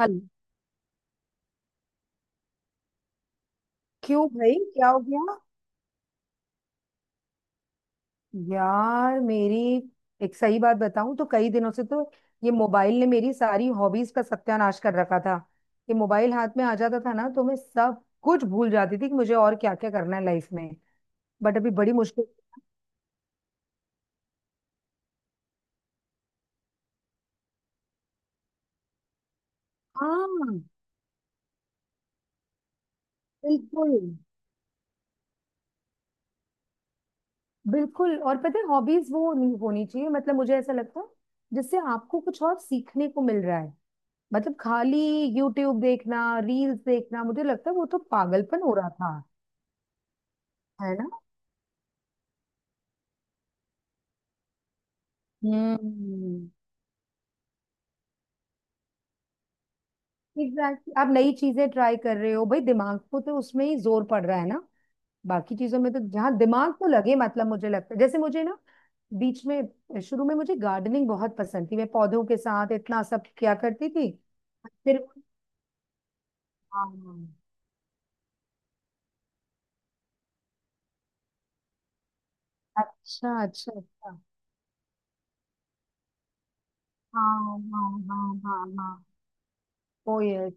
Hello. क्यों भाई, क्या हो गया? यार, मेरी एक सही बात बताऊं तो कई दिनों से तो ये मोबाइल ने मेरी सारी हॉबीज का सत्यानाश कर रखा था। ये मोबाइल हाथ में आ जाता था ना, तो मैं सब कुछ भूल जाती थी कि मुझे और क्या क्या करना है लाइफ में। बट अभी बड़ी मुश्किल। हाँ, बिल्कुल बिल्कुल। और पता है, हॉबीज वो नहीं होनी चाहिए, मतलब मुझे ऐसा लगता है, जिससे आपको कुछ और सीखने को मिल रहा है। मतलब, खाली यूट्यूब देखना, रील्स देखना, मुझे लगता है वो तो पागलपन हो रहा था। है ना। हम्म। एग्जैक्टली, आप नई चीजें ट्राई कर रहे हो भाई, दिमाग को तो उसमें ही जोर पड़ रहा है ना। बाकी चीजों में तो जहाँ दिमाग तो लगे, मतलब मुझे लगता है, जैसे मुझे ना बीच में, शुरू में मुझे गार्डनिंग बहुत पसंद थी। मैं पौधों के साथ इतना सब किया करती थी। फिर, हाँ। अच्छा अच्छा अच्छा। हाँ हाँ हाँ हाँ। हाँ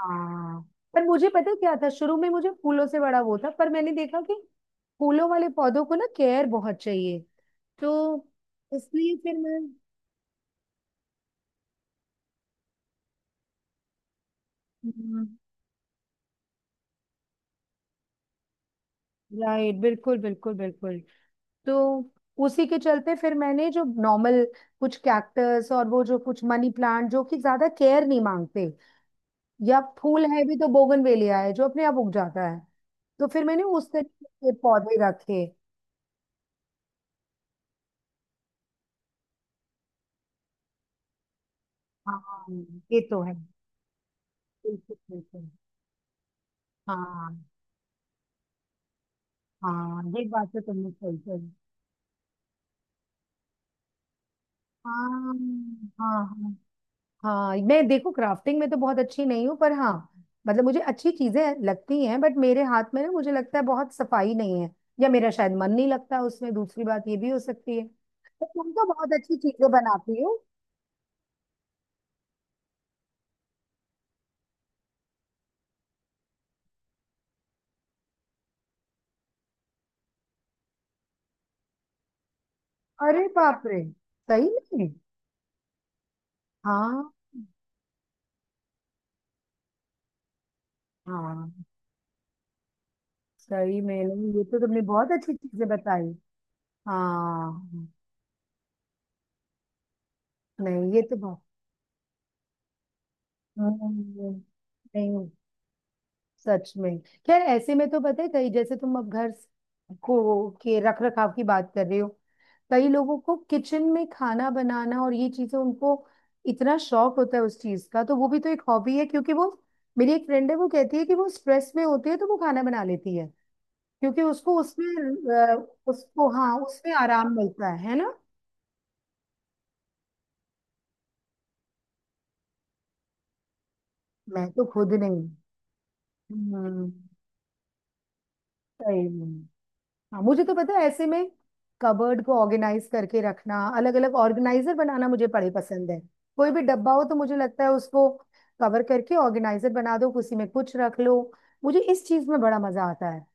हाँ। पर मुझे पता है क्या था, शुरू में मुझे फूलों से बड़ा वो था, पर मैंने देखा कि फूलों वाले पौधों को ना केयर बहुत चाहिए। तो इसलिए फिर मैं। हम्म, राइट, बिल्कुल बिल्कुल बिल्कुल। तो उसी के चलते फिर मैंने जो नॉर्मल, कुछ कैक्टस और वो जो कुछ मनी प्लांट जो कि ज्यादा केयर नहीं मांगते, या फूल है भी तो बोगनवेलिया है जो अपने आप उग जाता है, तो फिर मैंने उस तरीके के पौधे रखे। हाँ, ये तो है। बिल्कुल बिल्कुल। हाँ हाँ, ये बात तो तुमने सही कही। हाँ हाँ हाँ। हाँ, मैं देखो क्राफ्टिंग में तो बहुत अच्छी नहीं हूँ, पर हाँ, मतलब मुझे अच्छी चीजें लगती हैं, बट मेरे हाथ में ना, मुझे लगता है बहुत सफाई नहीं है, या मेरा शायद मन नहीं लगता उसमें। दूसरी बात ये भी हो सकती है। तो तुम तो बहुत अच्छी चीजें बनाती हो। अरे बाप रे! सही में। हाँ हाँ। सही में, नहीं, ये तो तुमने बहुत अच्छी चीजें बताई। हाँ। नहीं, ये तो बहुत हम्म, नहीं, सच में। खैर, ऐसे में तो पता है, कई, जैसे तुम अब घर को के रख रखाव की बात कर रहे हो, कई लोगों को किचन में खाना बनाना और ये चीजें, उनको इतना शौक होता है उस चीज का, तो वो भी तो एक हॉबी है। क्योंकि वो, मेरी एक फ्रेंड है, वो कहती है कि वो स्ट्रेस में होती है तो वो खाना बना लेती है। क्योंकि उसको उसमें, अ, उसको, हाँ, उसमें आराम मिलता है ना। मैं तो खुद नहीं। हम्म। सही में। हाँ, मुझे तो पता है, ऐसे में कबर्ड को ऑर्गेनाइज करके रखना, अलग अलग ऑर्गेनाइजर बनाना मुझे बड़े पसंद है। कोई भी डब्बा हो तो मुझे लगता है उसको कवर करके ऑर्गेनाइजर बना दो, उसी में कुछ रख लो। मुझे इस चीज में बड़ा मजा आता है।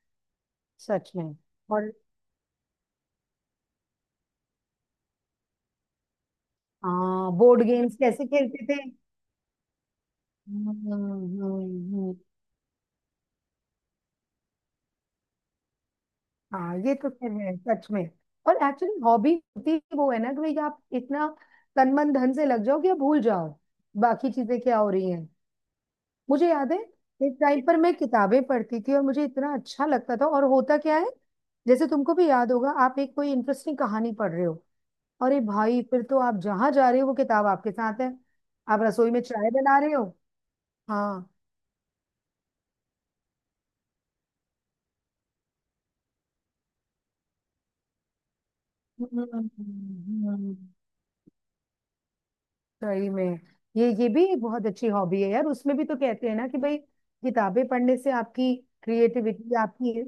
सच में। और हाँ, बोर्ड गेम्स, कैसे खेलते थे। हम्म हम्म, हम्म। हाँ, ये तो फिर है, सच में। और एक्चुअली हॉबी होती ही वो है ना, कि भाई आप इतना तन मन धन से लग जाओ कि आप भूल जाओ बाकी चीजें क्या हो रही हैं। मुझे याद है, एक टाइम पर मैं किताबें पढ़ती थी और मुझे इतना अच्छा लगता था। और होता क्या है, जैसे तुमको भी याद होगा, आप एक कोई इंटरेस्टिंग कहानी पढ़ रहे हो, अरे भाई, फिर तो आप जहां जा रहे हो वो किताब आपके साथ है, आप रसोई में चाय बना रहे हो। हाँ। हम्म, सही में। ये भी एक बहुत अच्छी हॉबी है यार। उसमें भी तो कहते हैं ना कि भाई, किताबें पढ़ने से आपकी क्रिएटिविटी आपकी,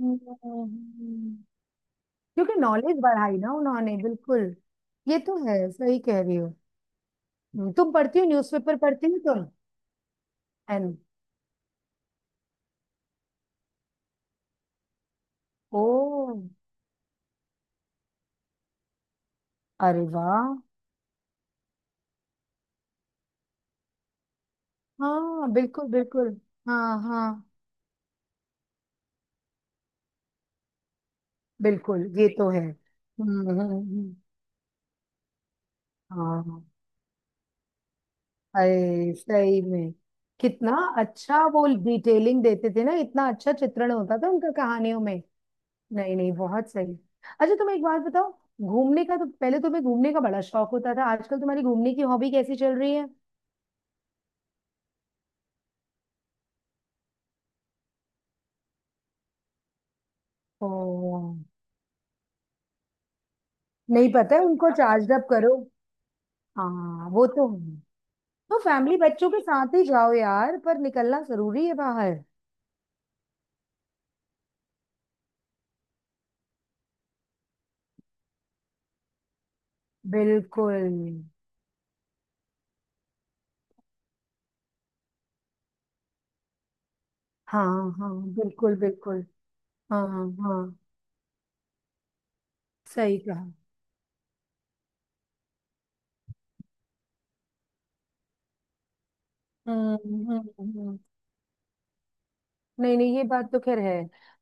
हम्म, क्योंकि नॉलेज बढ़ाई ना उन्होंने, बिल्कुल। ये तो है, सही कह रही हो। तुम पढ़ती हो? न्यूज़पेपर पढ़ती हो तुम? N O. अरे वाह! हाँ, बिल्कुल बिल्कुल। हाँ हाँ, बिल्कुल, ये तो है। हाँ हाँ। अरे सही में, कितना अच्छा वो डिटेलिंग देते थे ना, इतना अच्छा चित्रण होता था उनका कहानियों में। नहीं नहीं, बहुत सही। अच्छा, तुम एक बात बताओ, घूमने का तो, पहले तुम्हें घूमने का बड़ा शौक होता था, आजकल तुम्हारी घूमने की हॉबी कैसी चल रही है? ओ। नहीं, पता है, उनको चार्ज अप करो। हाँ, वो तो है। तो फैमिली, बच्चों के साथ ही जाओ यार, पर निकलना जरूरी है बाहर। बिल्कुल। हाँ हाँ, बिल्कुल बिल्कुल। हाँ हाँ, सही कहा। हम्म हम्म हम्म। नहीं नहीं, ये बात तो खैर है।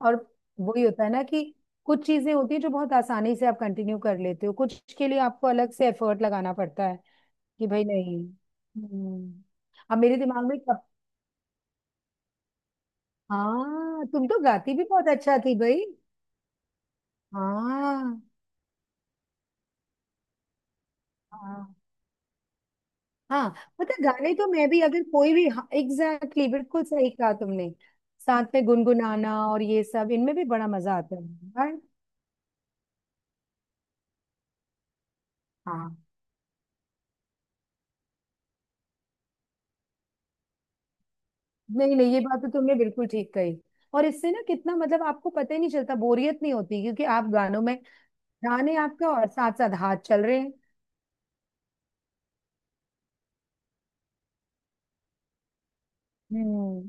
और वही होता है ना, कि कुछ चीजें होती है जो बहुत आसानी से आप कंटिन्यू कर लेते हो, कुछ के लिए आपको अलग से एफर्ट लगाना पड़ता है कि भाई नहीं। हम्म। अब मेरे दिमाग में कब, हाँ, तुम तो गाती भी बहुत अच्छा थी भाई। हाँ हाँ हाँ, पता है, गाने तो मैं भी, अगर कोई भी, एग्जैक्टली exactly, बिल्कुल सही कहा तुमने। साथ में गुनगुनाना और ये सब, इनमें भी बड़ा मजा आता है। हाँ हाँ। नहीं नहीं, ये बात तो तुमने बिल्कुल ठीक कही। और इससे ना कितना, मतलब आपको पता ही नहीं चलता, बोरियत नहीं होती, क्योंकि आप गानों में ध्यान है आपका, और साथ साथ हाथ चल रहे हैं। हम्म।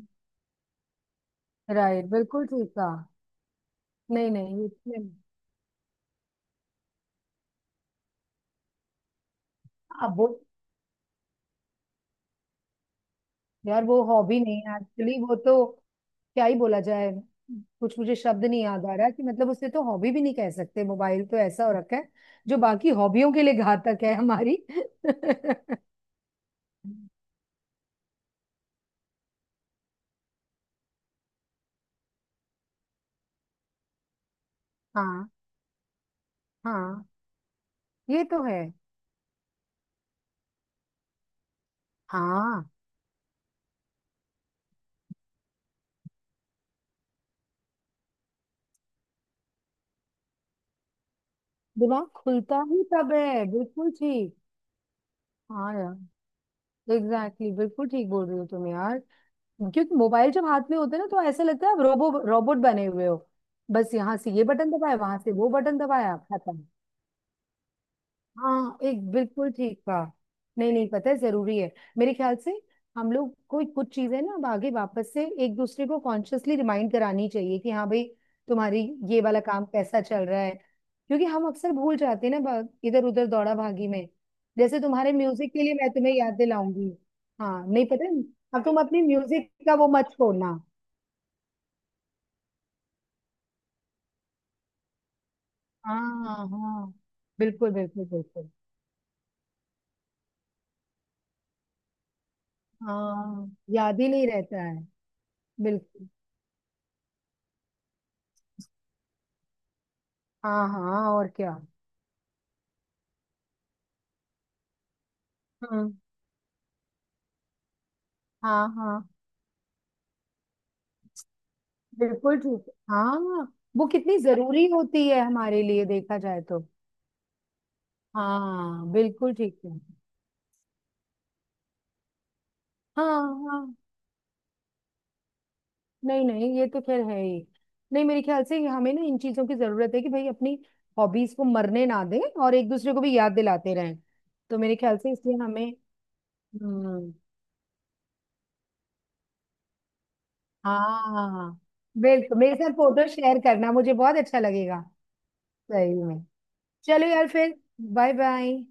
राइट, बिल्कुल ठीक कहा। नहीं नहीं, ये, अब वो, यार वो हॉबी नहीं है एक्चुअली। वो तो क्या ही बोला जाए, कुछ मुझे शब्द नहीं याद आ रहा कि, मतलब, उसे तो हॉबी भी नहीं कह सकते। मोबाइल तो ऐसा हो रखा है जो बाकी हॉबियों के लिए घातक है हमारी। हाँ हाँ, ये तो है। हाँ, दिमाग खुलता ही तब है, बिल्कुल ठीक। हाँ यार, एग्जैक्टली exactly, बिल्कुल ठीक बोल रही हो तुम यार। क्योंकि मोबाइल जब हाथ में होता है ना, तो ऐसा लगता है आप रोबोट बने हुए हो। बस यहाँ से ये बटन दबाया, वहां से वो बटन दबाया, खत्म। हाँ, एक बिल्कुल ठीक कहा। नहीं नहीं, पता है, जरूरी है। मेरे ख्याल से हम लोग कोई कुछ चीजें ना, अब आगे वापस से एक दूसरे को कॉन्शियसली रिमाइंड करानी चाहिए, कि हाँ भाई, तुम्हारी ये वाला काम कैसा चल रहा है, क्योंकि हम अक्सर भूल जाते हैं ना इधर उधर दौड़ा भागी में। जैसे तुम्हारे म्यूजिक के लिए मैं तुम्हें याद दिलाऊंगी। हाँ, नहीं, पता है, अब तुम अपनी म्यूजिक का वो मत छोड़ना। हाँ हाँ, बिल्कुल बिल्कुल बिल्कुल। हाँ, याद ही नहीं रहता है। बिल्कुल। हाँ हाँ, और क्या। हम्म। हाँ हाँ, बिल्कुल ठीक है। हाँ, वो कितनी जरूरी होती है हमारे लिए, देखा जाए तो। हाँ, बिल्कुल ठीक है। हाँ हाँ। नहीं नहीं, ये तो खैर है ही। नहीं, मेरे ख्याल से हमें ना इन चीजों की जरूरत है, कि भाई अपनी हॉबीज को मरने ना दें, और एक दूसरे को भी याद दिलाते रहें। तो मेरे ख्याल से इसलिए हमें। हम्म। हाँ, बिल्कुल, मेरे साथ फोटो शेयर करना, मुझे बहुत अच्छा लगेगा। सही में। चलो यार फिर, बाय बाय।